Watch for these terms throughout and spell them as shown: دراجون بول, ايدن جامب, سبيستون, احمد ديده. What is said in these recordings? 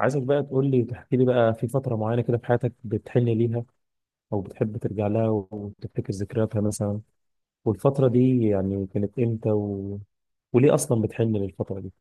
عايزك بقى تقول لي تحكي لي بقى في فترة معينة كده في حياتك بتحن ليها، أو بتحب ترجع لها وتفتكر ذكرياتها مثلا. والفترة دي يعني كانت إمتى وليه أصلا بتحن للفترة دي؟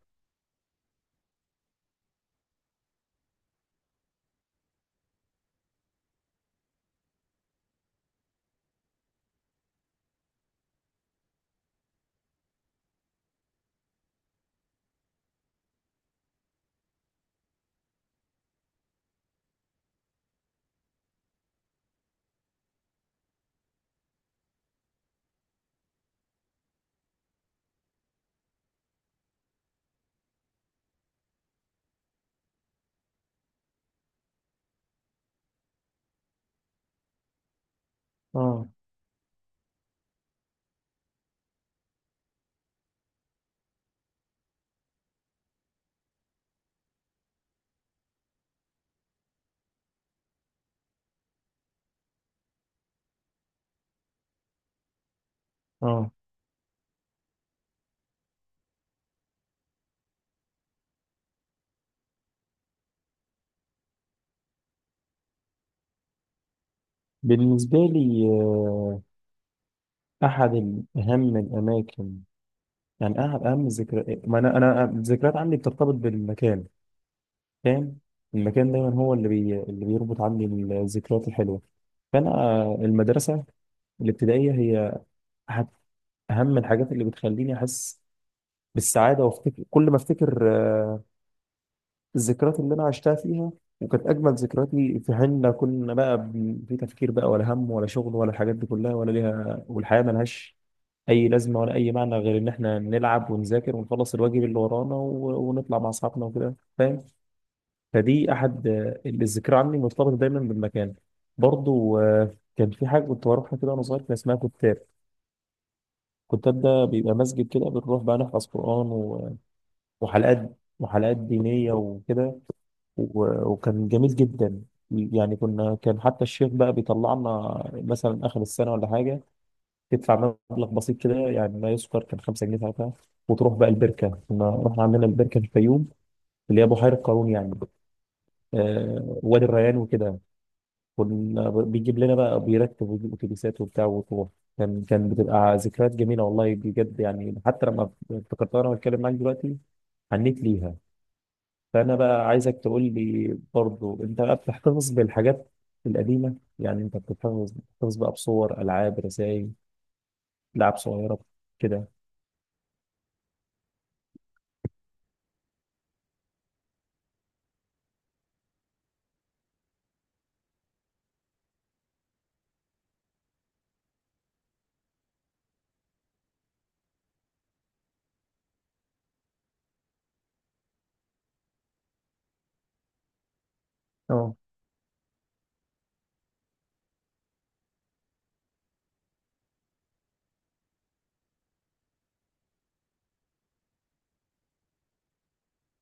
اه. اه. بالنسبة لي أحد أهم الأماكن، يعني أحد أهم الذكريات، ما أنا الذكريات عندي بترتبط بالمكان، فاهم؟ المكان دايما هو اللي بيربط عندي الذكريات الحلوة. فأنا المدرسة الابتدائية هي أحد اهم الحاجات اللي بتخليني احس بالسعاده، وافتكر كل ما افتكر الذكريات اللي انا عشتها فيها، وكانت اجمل ذكرياتي في حين لا كنا بقى في تفكير بقى ولا هم ولا شغل ولا الحاجات دي كلها ولا ليها، والحياه ملهاش اي لازمه ولا اي معنى غير ان احنا نلعب ونذاكر ونخلص الواجب اللي ورانا ونطلع مع اصحابنا وكده، فاهم؟ فدي احد الذكرى عني مرتبطه دايما بالمكان. برضو كان في حاجه كنت بروحها كده وانا صغير، كان اسمها كتاب. كتاب ده بيبقى مسجد كده، بنروح بقى نحفظ قرآن، وحلقات دينية وكده. وكان جميل جدا، يعني كنا كان حتى الشيخ بقى بيطلع لنا مثلا آخر السنة ولا حاجة، تدفع مبلغ بسيط كده يعني لا يذكر، كان 5 جنيه ساعتها، وتروح بقى البركة. كنا رحنا عندنا البركة في الفيوم، اللي هي بحيرة قارون يعني، آه وادي الريان وكده. كنا بيجيب لنا بقى، بيركب ويجيب أتوبيسات وبتاع وتروح، كان بتبقى ذكريات جميلة والله بجد، يعني حتى لما افتكرتها وأنا بتكلم معاك دلوقتي حنيت ليها. فأنا بقى عايزك تقول لي برضو، أنت بقى بتحتفظ بالحاجات القديمة؟ يعني أنت بتحتفظ بقى بصور، ألعاب، رسائل، لعب صغيرة كده؟ اه.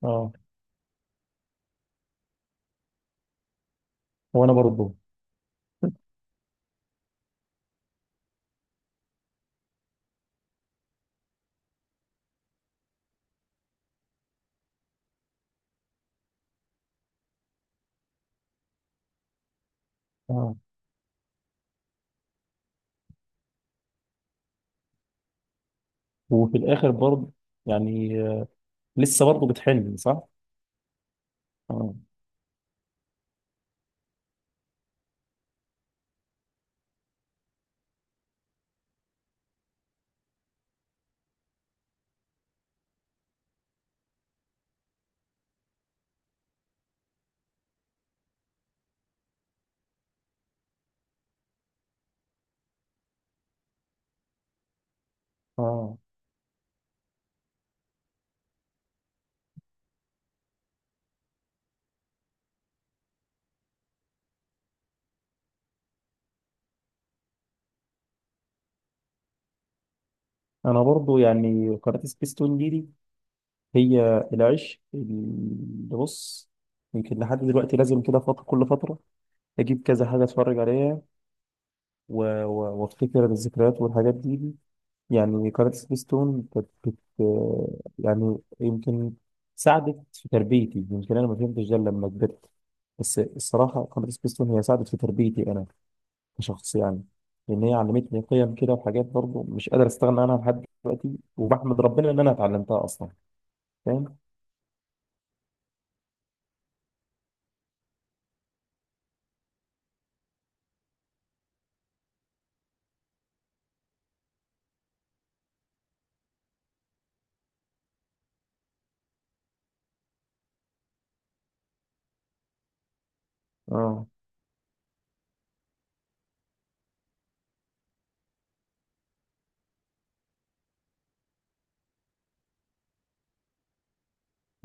اه وأنا برضو. اه وفي الآخر برضو يعني لسه برضو بتحلم، صح؟ اه. اه. أنا برضو يعني قناة سبيستون دي هي العشق اللي بص، يمكن لحد دلوقتي لازم كده فترة كل فترة أجيب كذا حاجة أتفرج عليها، وافتكر الذكريات والحاجات دي. يعني قناة سبيستون كانت يعني يمكن ساعدت في تربيتي، يمكن أنا ما فهمتش ده لما كبرت، بس الصراحة قناة سبيستون هي ساعدت في تربيتي أنا كشخص يعني، لأن هي علمتني قيم كده وحاجات برضه مش قادر أستغنى عنها لحد دلوقتي، وبحمد ربنا إن أنا اتعلمتها أصلا، فاهم؟ آه.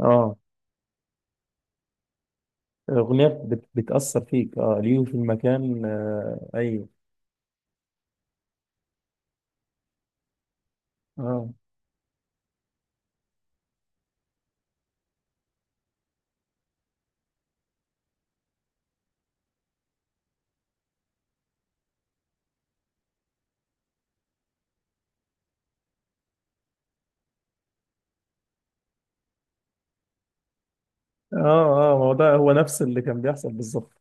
آه. الأغنية بتأثر فيك، آه اليوم في المكان، آه أيوه. آه. آه. آه ما هو ده هو نفس اللي كان بيحصل بالظبط،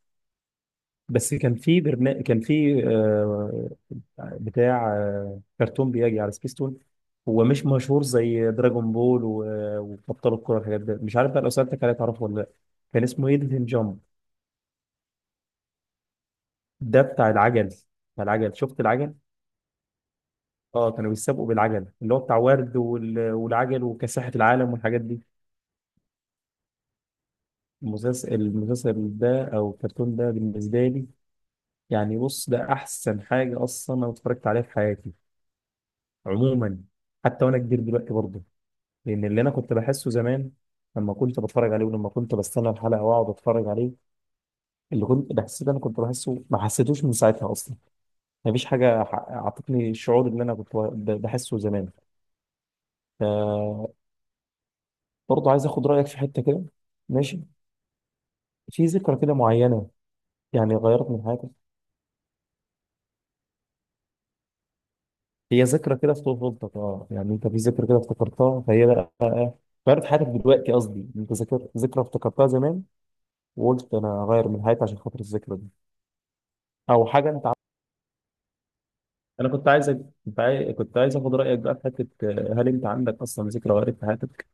بس كان في برنامج، كان في بتاع كرتون بيجي على سبيستون، هو مش مشهور زي دراجون بول وابطال الكره والحاجات دي، مش عارف بقى لو سالتك عليه تعرفه ولا لا. كان اسمه ايدن جامب، ده بتاع العجل. بتاع العجل، شفت العجل؟ اه. كانوا بيسابقوا بالعجل، اللي هو بتاع ورد والعجل وكاسحة العالم والحاجات دي. المسلسل ده او الكرتون ده بالنسبه لي، يعني بص ده احسن حاجه اصلا انا اتفرجت عليها في حياتي عموما، حتى وانا كبير دلوقتي برضه، لان اللي انا كنت بحسه زمان لما كنت بتفرج عليه ولما كنت بستنى الحلقه واقعد اتفرج عليه، اللي كنت بحس ده انا كنت بحسه ما حسيتوش من ساعتها اصلا. مفيش حاجه اعطتني الشعور اللي انا كنت بحسه زمان. ف- برضه عايز اخد رايك في حته كده، ماشي؟ في ذكرى كده معينه يعني غيرت من حياتك، هي ذكرى كده في طفولتك اه، يعني انت في ذكرى كده افتكرتها فهي بقى غيرت حياتك دلوقتي، قصدي انت ذكر ذكرى افتكرتها زمان وقلت انا اغير من حياتي عشان خاطر الذكرى دي، او حاجه. انت، انا كنت عايزك كنت عايز اخد رايك بقى في حته، هل انت عندك اصلا ذكرى وارد في حياتك؟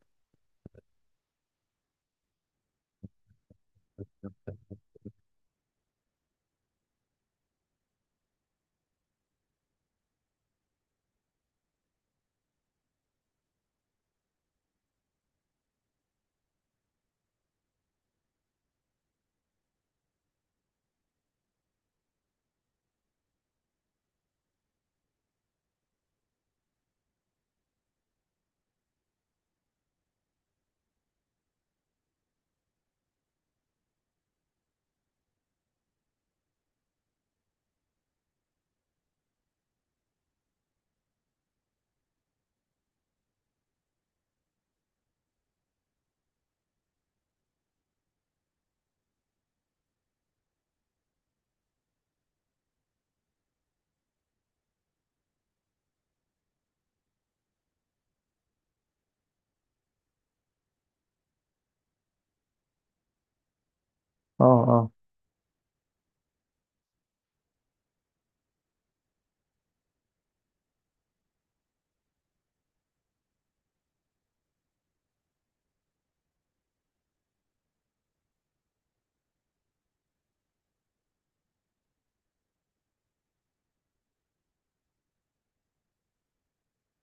اه. اه.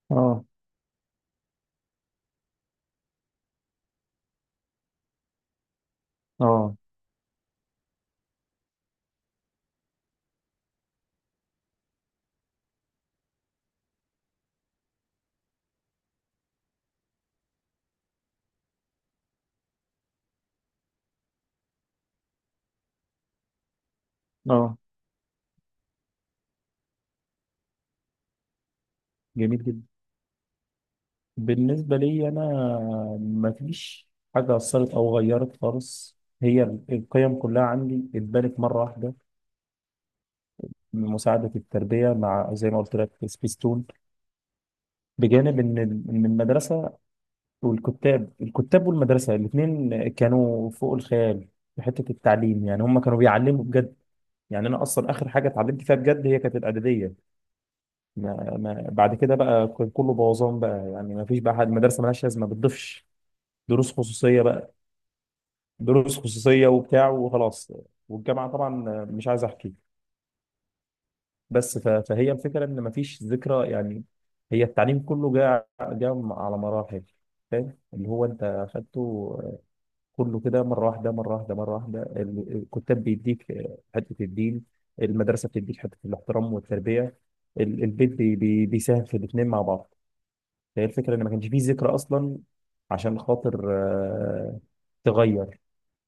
اه. اه. اه جميل جدا. بالنسبه لي انا ما فيش حاجه اثرت او غيرت خالص، هي القيم كلها عندي اتبنت مره واحده، من مساعده التربيه مع زي ما قلت لك سبيستون، بجانب ان ان المدرسه والكتاب. الكتاب والمدرسه الاثنين كانوا فوق الخيال في حته التعليم، يعني هم كانوا بيعلموا بجد. يعني انا اصلا اخر حاجه اتعلمت فيها بجد هي كانت الاعداديه، ما بعد كده بقى كان كله بوظان بقى يعني، ما فيش بقى حد، المدرسه مالهاش لازمه ما بتضيفش، دروس خصوصيه بقى. دروس خصوصيه وبتاع وخلاص، والجامعه طبعا مش عايز احكي. بس فهي الفكره ان ما فيش ذكرى يعني، هي التعليم كله جاء على مراحل، فاهم اللي هو انت اخدته كله كده مره واحده، مره واحده، مره واحده. الكتاب بيديك حته الدين، المدرسه بتديك حته الاحترام والتربيه، البيت بي بي بيساهم في الاثنين مع بعض. فهي الفكره ان ما كانش فيه ذكرى اصلا عشان خاطر تغير،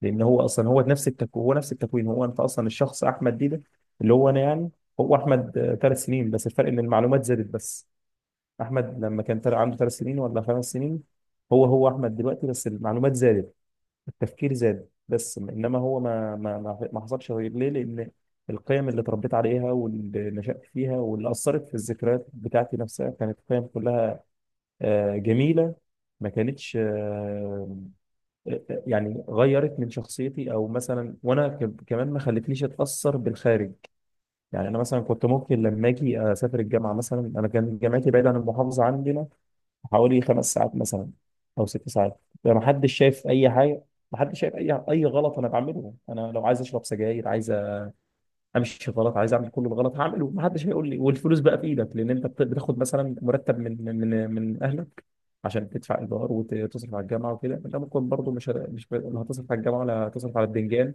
لان هو اصلا هو نفس التكوين، هو نفس التكوين، هو انت اصلا الشخص احمد ديده، اللي هو انا يعني، هو احمد 3 سنين، بس الفرق ان المعلومات زادت بس. احمد لما كان عنده 3 سنين ولا 5 سنين، هو هو احمد دلوقتي بس المعلومات زادت، التفكير زاد بس، انما هو ما ما ما ما حصلش غير ليه، لان القيم اللي اتربيت عليها واللي نشأت فيها واللي اثرت في الذكريات بتاعتي نفسها كانت قيم كلها جميله، ما كانتش يعني غيرت من شخصيتي او مثلا، وانا كمان ما خلتنيش اتاثر بالخارج. يعني انا مثلا كنت ممكن لما اجي اسافر الجامعه مثلا، انا كان جامعتي بعيده عن المحافظه عندنا حوالي 5 ساعات مثلا او 6 ساعات، يعني ما حدش شايف اي حاجه، ما حدش شايف اي اي غلط انا بعمله. انا لو عايز اشرب سجاير، عايز امشي غلط، عايز اعمل كل الغلط هعمله ما حدش هيقول لي، والفلوس بقى في ايدك، لان انت بتاخد مثلا مرتب من اهلك عشان تدفع ايجار وتصرف على الجامعه وكده، انت ممكن برضه مش هت- مش ب- لا هتصرف على الجامعه ولا هتصرف على البتنجان.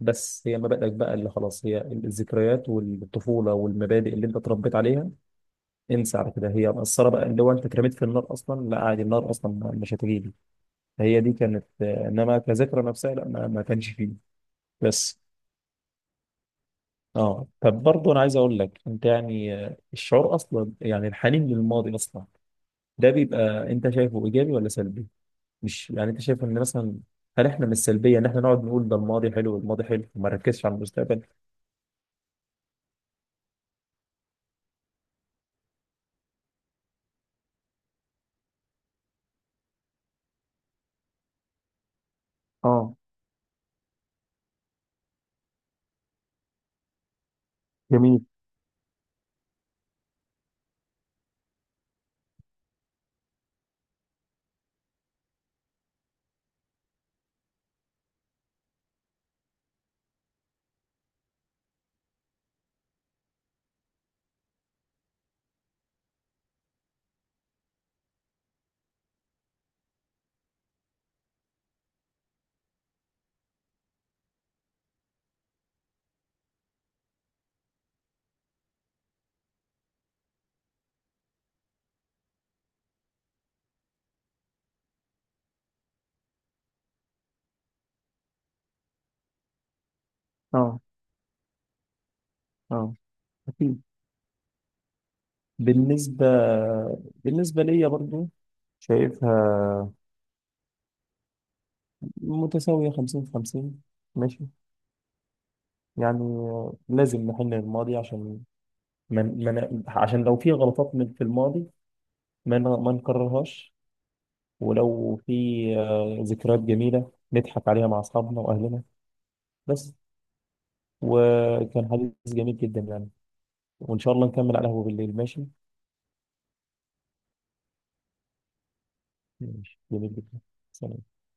بس هي مبادئك بقى اللي خلاص، هي الذكريات والطفوله والمبادئ اللي انت اتربيت عليها، انسى على كده هي مقصره بقى. لو انت اترميت في النار اصلا لا عادي، النار اصلا مش هتجيلي. هي دي كانت انما كذكرى نفسها لا، ما كانش فيه بس. اه طب برضه انا عايز اقول لك انت يعني الشعور اصلا يعني الحنين للماضي اصلا ده بيبقى، انت شايفه ايجابي ولا سلبي؟ مش يعني انت شايف ان مثلا، هل احنا من السلبيه ان احنا نقعد نقول ده الماضي حلو والماضي حلو وما نركزش على المستقبل؟ اه. جميل. اه. اه. اكيد. بالنسبه بالنسبه ليا برضه شايفها متساوية 50 في 50، ماشي، يعني لازم نحن الماضي عشان من عشان لو في غلطات من في الماضي ما نكررهاش. ولو في ذكريات جميلة نضحك عليها مع أصحابنا وأهلنا بس. وكان حديث جميل جدا يعني، وإن شاء الله نكمل على القهوة بالليل، ماشي. ماشي جميل جدا. سلام.